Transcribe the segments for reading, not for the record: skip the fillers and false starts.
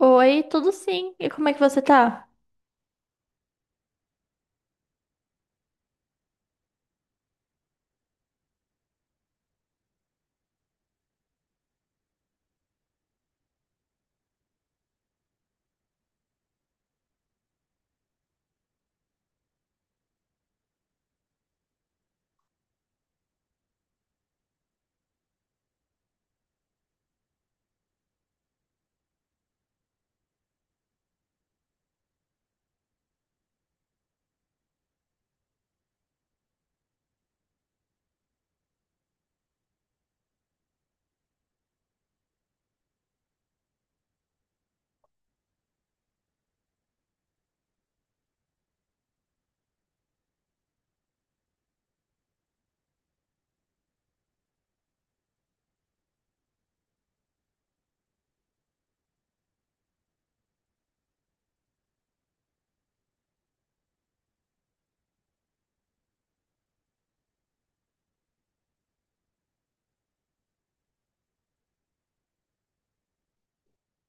Oi, tudo sim. E como é que você tá?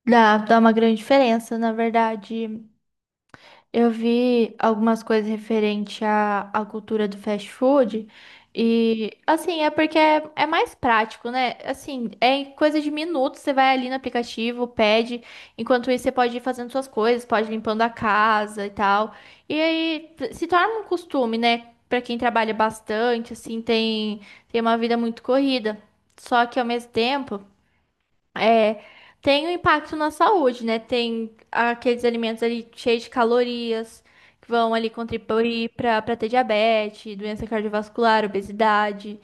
Dá uma grande diferença, na verdade. Eu vi algumas coisas referente à cultura do fast food. E assim, é porque é mais prático, né? Assim, é em coisa de minutos, você vai ali no aplicativo, pede, enquanto isso você pode ir fazendo suas coisas, pode ir limpando a casa e tal. E aí se torna um costume, né? Pra quem trabalha bastante, assim, tem uma vida muito corrida. Só que ao mesmo tempo É, tem um impacto na saúde, né? Tem aqueles alimentos ali cheios de calorias que vão ali contribuir para ter diabetes, doença cardiovascular, obesidade.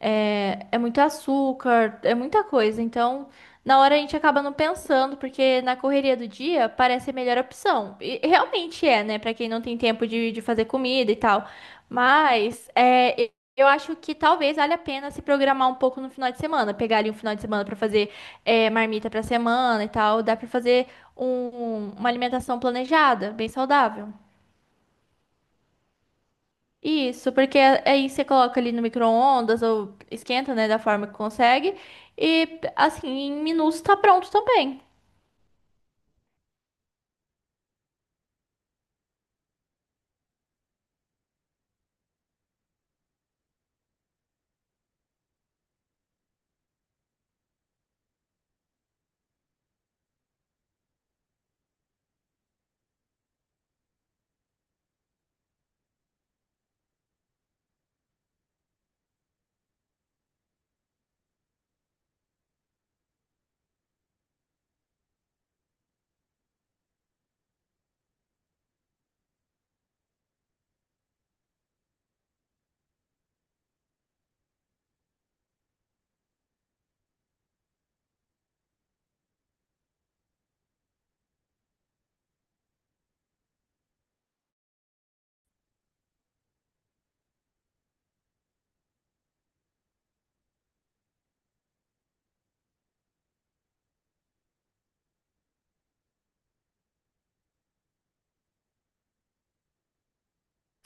É muito açúcar, é muita coisa. Então, na hora a gente acaba não pensando, porque na correria do dia parece a melhor opção. E realmente é, né? Para quem não tem tempo de fazer comida e tal. Mas eu acho que talvez valha a pena se programar um pouco no final de semana, pegar ali um final de semana para fazer marmita pra semana e tal, dá pra fazer uma alimentação planejada, bem saudável. Isso, porque aí você coloca ali no micro-ondas ou esquenta, né, da forma que consegue. E assim, em minutos tá pronto também.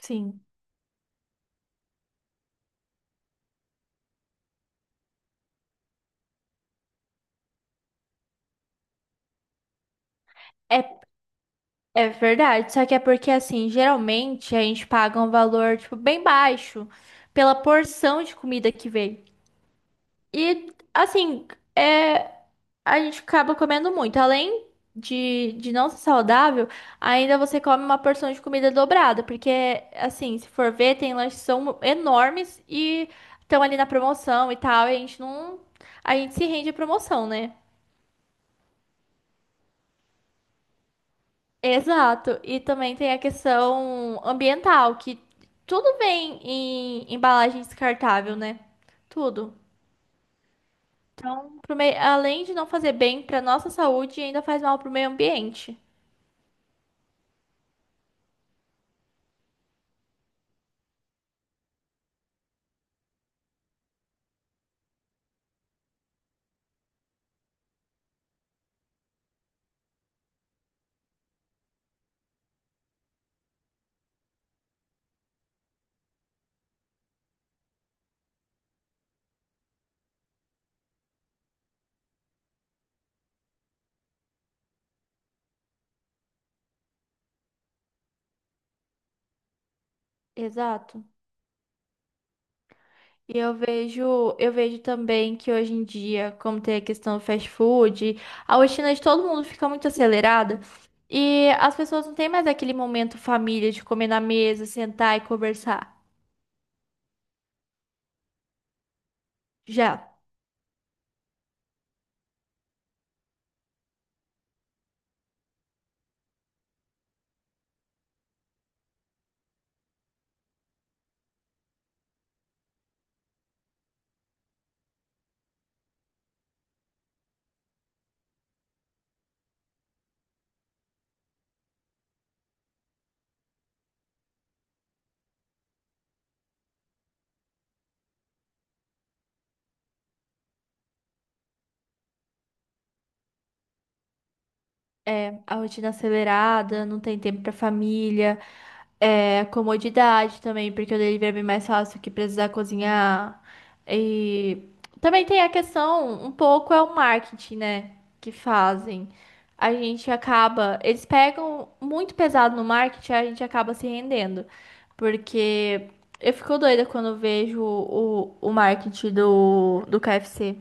Sim. É, é verdade, só que é porque assim, geralmente a gente paga um valor tipo bem baixo pela porção de comida que vem. E assim, é a gente acaba comendo muito. Além de não ser saudável, ainda você come uma porção de comida dobrada, porque, assim, se for ver, tem lanches que são enormes e estão ali na promoção e tal, e a gente não. A gente se rende à promoção, né? Exato. E também tem a questão ambiental, que tudo vem em embalagem descartável, né? Tudo. Além de não fazer bem para nossa saúde, ainda faz mal para o meio ambiente. Exato. E eu vejo também que hoje em dia, como tem a questão do fast food, a rotina de todo mundo fica muito acelerada e as pessoas não têm mais aquele momento família de comer na mesa, sentar e conversar. Já. É, a rotina acelerada, não tem tempo pra família, comodidade também, porque o delivery é bem mais fácil que precisar cozinhar. E também tem a questão, um pouco é o marketing, né, que fazem. A gente acaba, eles pegam muito pesado no marketing, a gente acaba se rendendo, porque eu fico doida quando eu vejo o marketing do KFC.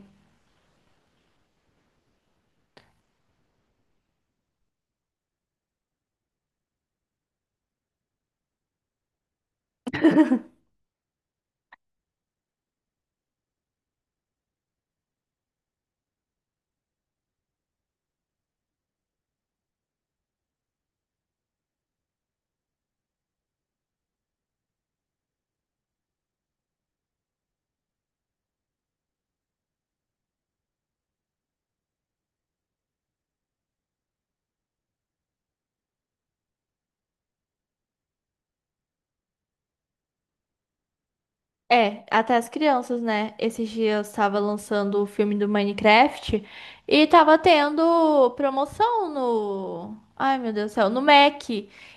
É, até as crianças, né? Esses dias estava lançando o filme do Minecraft e tava tendo promoção no. Ai, meu Deus do céu, no Mac.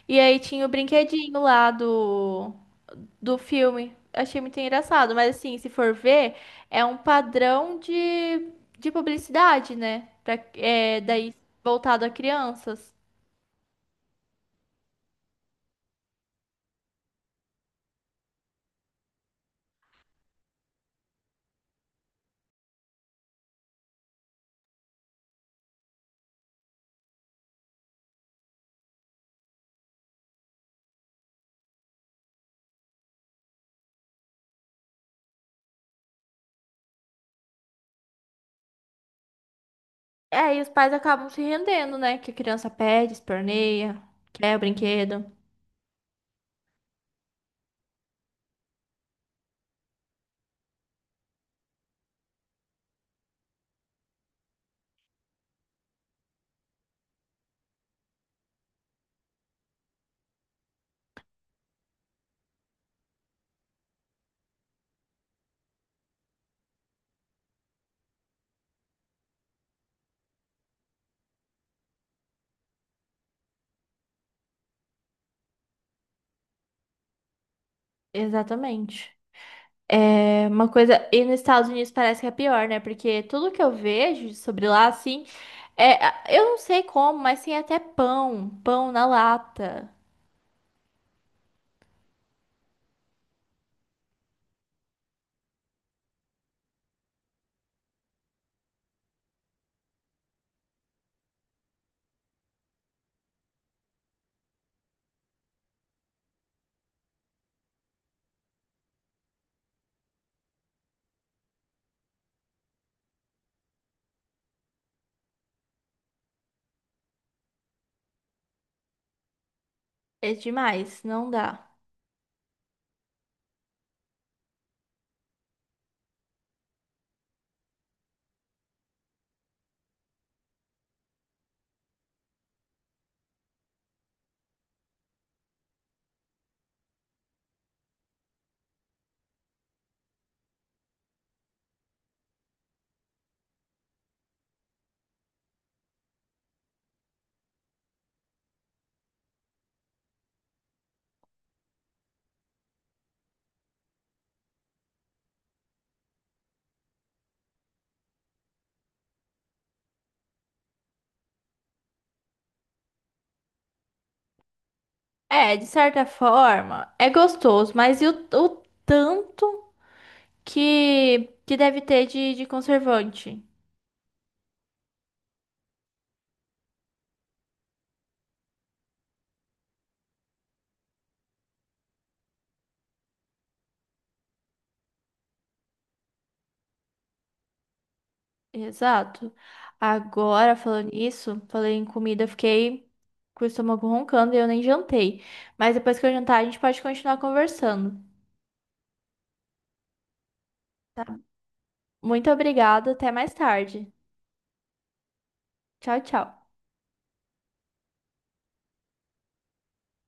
E aí tinha o brinquedinho lá do filme. Achei muito engraçado, mas assim, se for ver, é um padrão de publicidade, né? Pra, daí voltado a crianças. É, e os pais acabam se rendendo, né? Que a criança pede, esperneia, quer o brinquedo. Exatamente. É uma coisa. E nos Estados Unidos parece que é pior, né? Porque tudo que eu vejo sobre lá, assim. É, eu não sei como, mas tem até pão. Pão na lata. É demais, não dá. É, de certa forma, é gostoso, mas e o tanto que deve ter de conservante? Exato. Agora, falando nisso, falei em comida, eu fiquei com o estômago roncando e eu nem jantei. Mas depois que eu jantar, a gente pode continuar conversando. Tá? Muito obrigada, até mais tarde. Tchau, tchau.